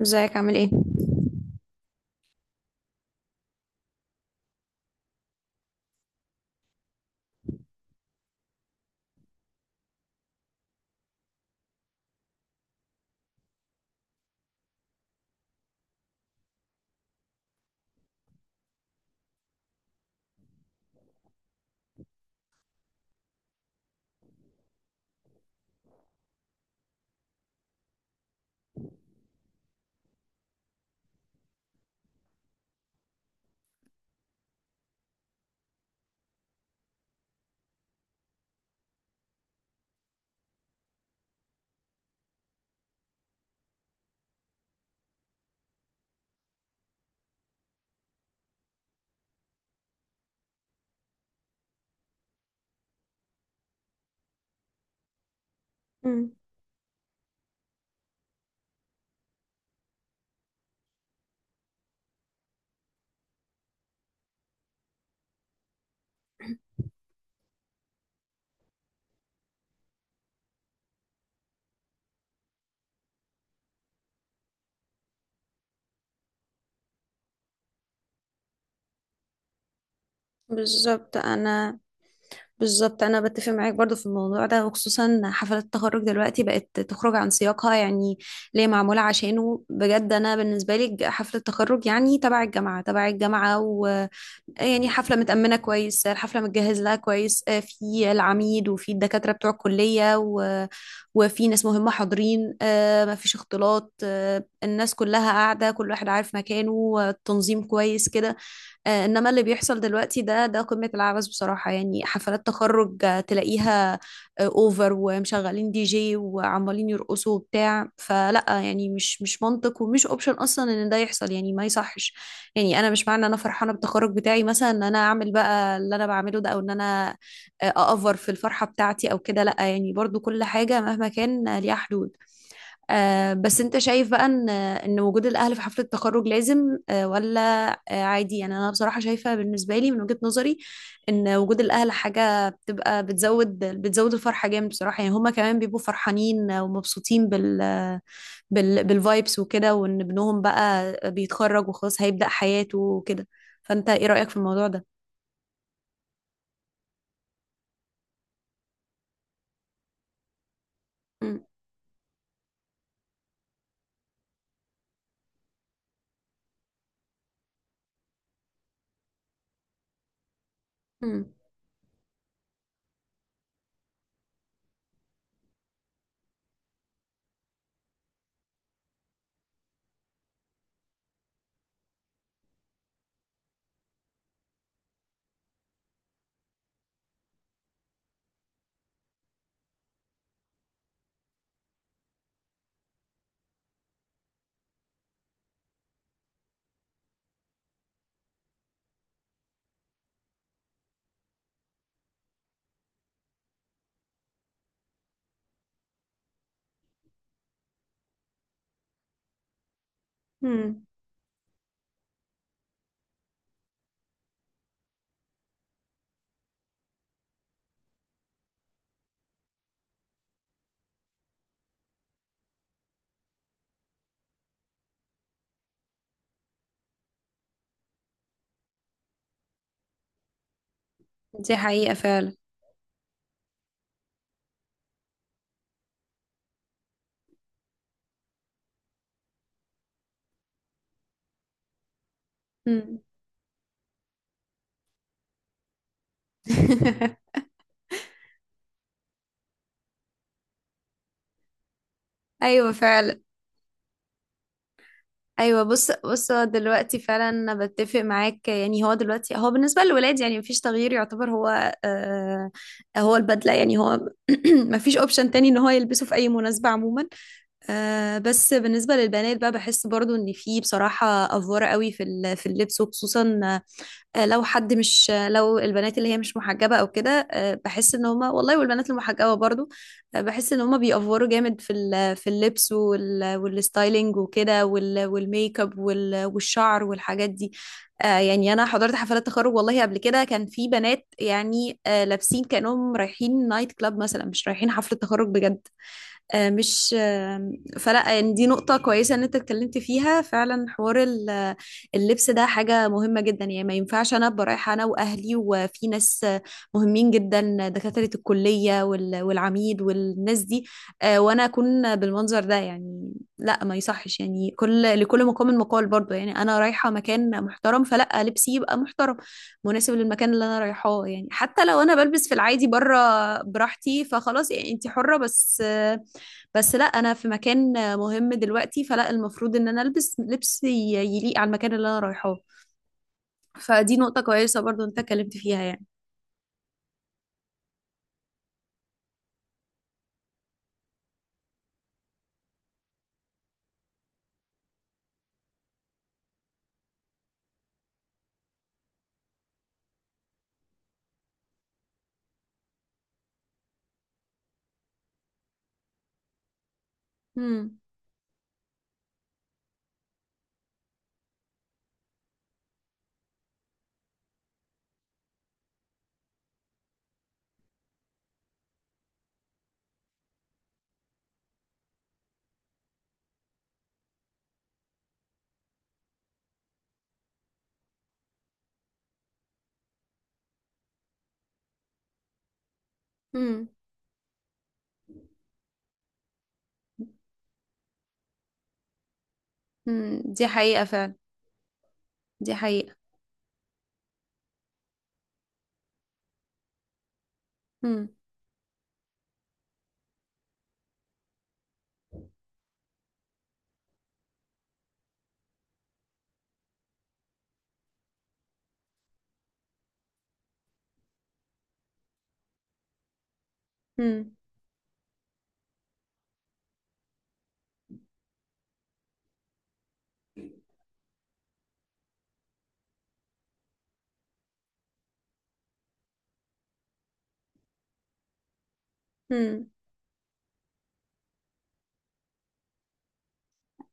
ازيك؟ عامل ايه؟ مم. بالظبط انا بالظبط انا بتفق معاك برضو في الموضوع ده، وخصوصا حفلات التخرج دلوقتي بقت تخرج عن سياقها، يعني ليه معموله عشانه بجد. انا بالنسبه لي حفله التخرج يعني تبع الجامعه ويعني حفله متامنه كويس، الحفله متجهز لها كويس، في العميد وفي الدكاتره بتوع الكليه وفي ناس مهمه حاضرين، مفيش اختلاط، الناس كلها قاعده كل واحد عارف مكانه، التنظيم كويس كده. انما اللي بيحصل دلوقتي ده قمة العبث بصراحة، يعني حفلات تخرج تلاقيها اوفر، ومشغلين دي جي، وعمالين يرقصوا وبتاع، فلا يعني مش منطق ومش اوبشن اصلا ان ده يحصل، يعني ما يصحش. يعني انا مش معنى ان انا فرحانة بالتخرج بتاعي مثلا ان انا اعمل بقى اللي انا بعمله ده، او ان انا اأفر في الفرحة بتاعتي او كده، لا، يعني برضو كل حاجة مهما كان ليها حدود. بس انت شايف بقى ان وجود الاهل في حفله التخرج لازم ولا عادي؟ يعني انا بصراحه شايفه بالنسبه لي من وجهه نظري ان وجود الاهل حاجه بتبقى بتزود الفرحه جامد بصراحه، يعني هما كمان بيبقوا فرحانين ومبسوطين بالفايبس وكده، وان ابنهم بقى بيتخرج وخلاص هيبدا حياته وكده. فانت ايه رايك في الموضوع ده؟ امم. امم. دي حقيقه فعلا. امم. ايوه فعلا. ايوه، بص بص هو دلوقتي فعلا انا بتفق معاك، يعني هو دلوقتي هو بالنسبه للولاد يعني مفيش تغيير يعتبر هو. هو البدله يعني هو. مفيش اوبشن تاني ان هو يلبسه في اي مناسبه عموما. بس بالنسبه للبنات بقى بحس برضو ان في بصراحه افوره قوي في اللبس، وخصوصا لو حد مش لو البنات اللي هي مش محجبة او كده، بحس ان هما والله، والبنات المحجبة برضو بحس ان هما بيأفوروا جامد في اللبس والستايلينج وكده والميك اب والشعر والحاجات دي. يعني انا حضرت حفلات تخرج والله قبل كده كان في بنات يعني لابسين كأنهم رايحين نايت كلاب مثلا، مش رايحين حفلة تخرج بجد. آه، مش آه، فلا يعني، دي نقطة كويسة ان انت اتكلمت فيها فعلا. حوار اللبس ده حاجة مهمة جدا، يعني ما ينفعش انا ابقى رايحة انا واهلي وفي ناس مهمين جدا، دكاترة الكلية والعميد والناس دي، وانا اكون بالمنظر ده يعني، لا ما يصحش. يعني لكل مقام مقال برضه، يعني انا رايحة مكان محترم فلا لبسي يبقى محترم مناسب للمكان اللي انا رايحاه. يعني حتى لو انا بلبس في العادي بره براحتي فخلاص، يعني انت حرة، بس بس لا، انا في مكان مهم دلوقتي فلا المفروض ان انا البس لبس يليق على المكان اللي انا رايحاه. فدي نقطة كويسة برضو انت اتكلمت فيها يعني. امم. امم. امم. دي حقيقة فعلا. دي حقيقة. امم. امم.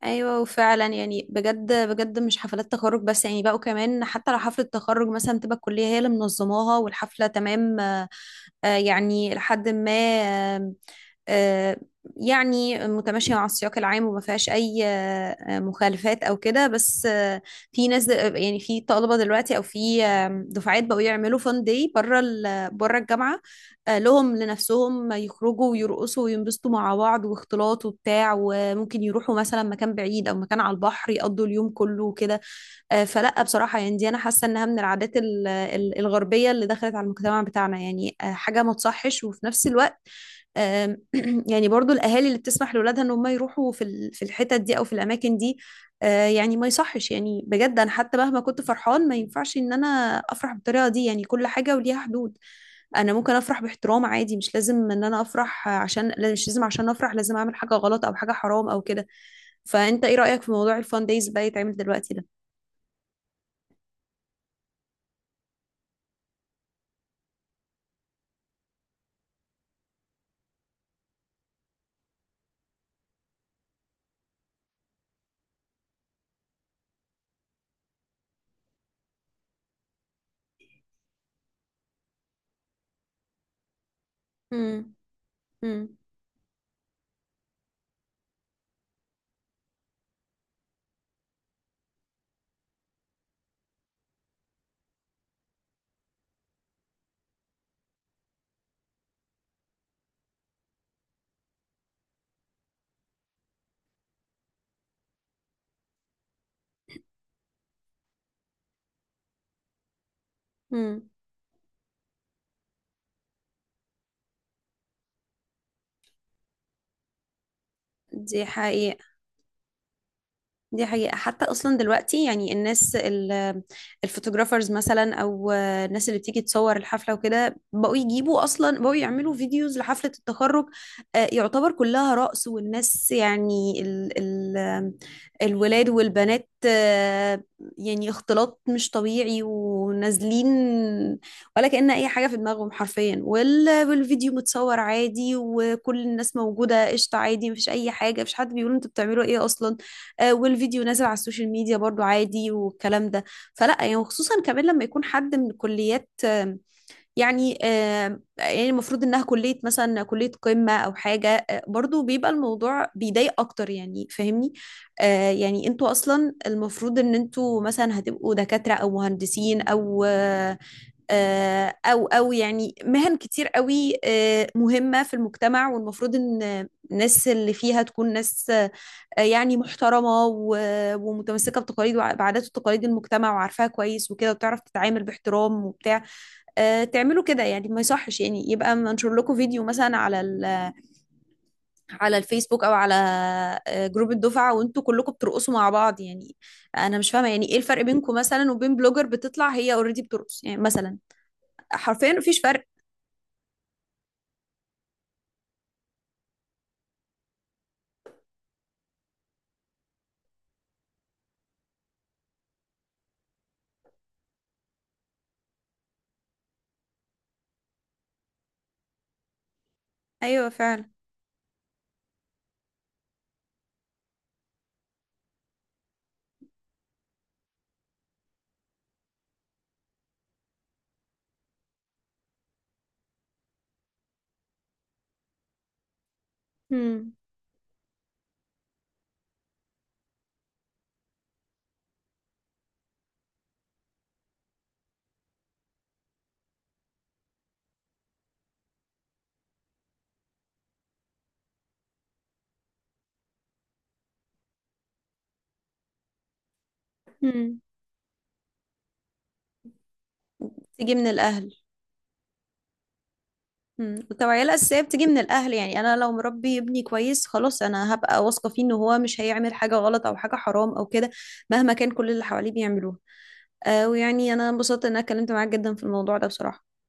ايوه وفعلا، يعني بجد بجد مش حفلات تخرج بس، يعني بقوا كمان حتى لو حفله تخرج مثلا تبقى الكليه هي اللي منظماها والحفله تمام، يعني لحد ما آه، يعني متماشيه مع السياق العام وما فيهاش اي مخالفات او كده، بس في ناس يعني في طلبه دلوقتي او في دفعات بقوا يعملوا فان داي بره الجامعه لهم لنفسهم، يخرجوا ويرقصوا وينبسطوا مع بعض واختلاط وبتاع، وممكن يروحوا مثلا مكان بعيد او مكان على البحر يقضوا اليوم كله وكده. فلا بصراحة، يعني دي انا حاسة انها من العادات الغربية اللي دخلت على المجتمع بتاعنا، يعني حاجة ما تصحش، وفي نفس الوقت آم، يعني برضو الاهالي اللي بتسمح لاولادها ان هم يروحوا في الحتت دي او في الاماكن دي، يعني ما يصحش، يعني بجد انا حتى مهما كنت فرحان ما ينفعش ان انا افرح بالطريقة دي. يعني كل حاجة وليها حدود، انا ممكن افرح باحترام عادي، مش لازم ان انا افرح عشان لا، مش لازم عشان افرح لازم اعمل حاجه غلط او حاجه حرام او كده. فانت ايه رايك في موضوع الفان دايز بقى يتعمل دلوقتي ده؟ امم. امم. دي حقيقة. دي حقيقة. حتى أصلا دلوقتي يعني الناس الفوتوغرافرز مثلا أو الناس اللي بتيجي تصور الحفلة وكده بقوا يجيبوا أصلا، بقوا يعملوا فيديوز لحفلة التخرج يعتبر كلها رقص، والناس يعني ال ال الولاد والبنات يعني اختلاط مش طبيعي، ونازلين ولا كأن أي حاجة في دماغهم حرفيا، والفيديو متصور عادي وكل الناس موجودة قشطة عادي، مفيش أي حاجة، مفيش حد بيقول انتوا بتعملوا ايه أصلا، والفيديو نازل على السوشيال ميديا برضو عادي والكلام ده. فلا يعني، وخصوصا كمان لما يكون حد من كليات يعني يعني المفروض انها كلية مثلا كلية قمة او حاجة، برضو بيبقى الموضوع بيضايق اكتر يعني، فاهمني؟ يعني انتوا اصلا المفروض ان انتوا مثلا هتبقوا دكاترة او مهندسين او يعني مهن كتير قوي مهمة في المجتمع، والمفروض ان الناس اللي فيها تكون ناس يعني محترمة ومتمسكة بتقاليد بعادات وتقاليد المجتمع وعارفاها كويس وكده، وبتعرف تتعامل باحترام وبتاع. تعملوا كده يعني ما يصحش، يعني يبقى منشر لكم فيديو مثلا على على الفيسبوك او على جروب الدفعة وانتوا كلكم بترقصوا مع بعض، يعني انا مش فاهمة يعني ايه الفرق بينكم مثلا وبين بلوجر بتطلع هي اوريدي بترقص يعني مثلا؟ حرفيا مفيش فرق. ايوه فعلا. مم. مم. تيجي من الاهل. مم. التوعية الأساسية بتيجي من الأهل، يعني أنا لو مربي ابني كويس خلاص أنا هبقى واثقة فيه إن هو مش هيعمل حاجة غلط أو حاجة حرام أو كده مهما كان كل اللي حواليه بيعملوها. ويعني أنا انبسطت إن أنا اتكلمت معاك جدا في الموضوع ده بصراحة.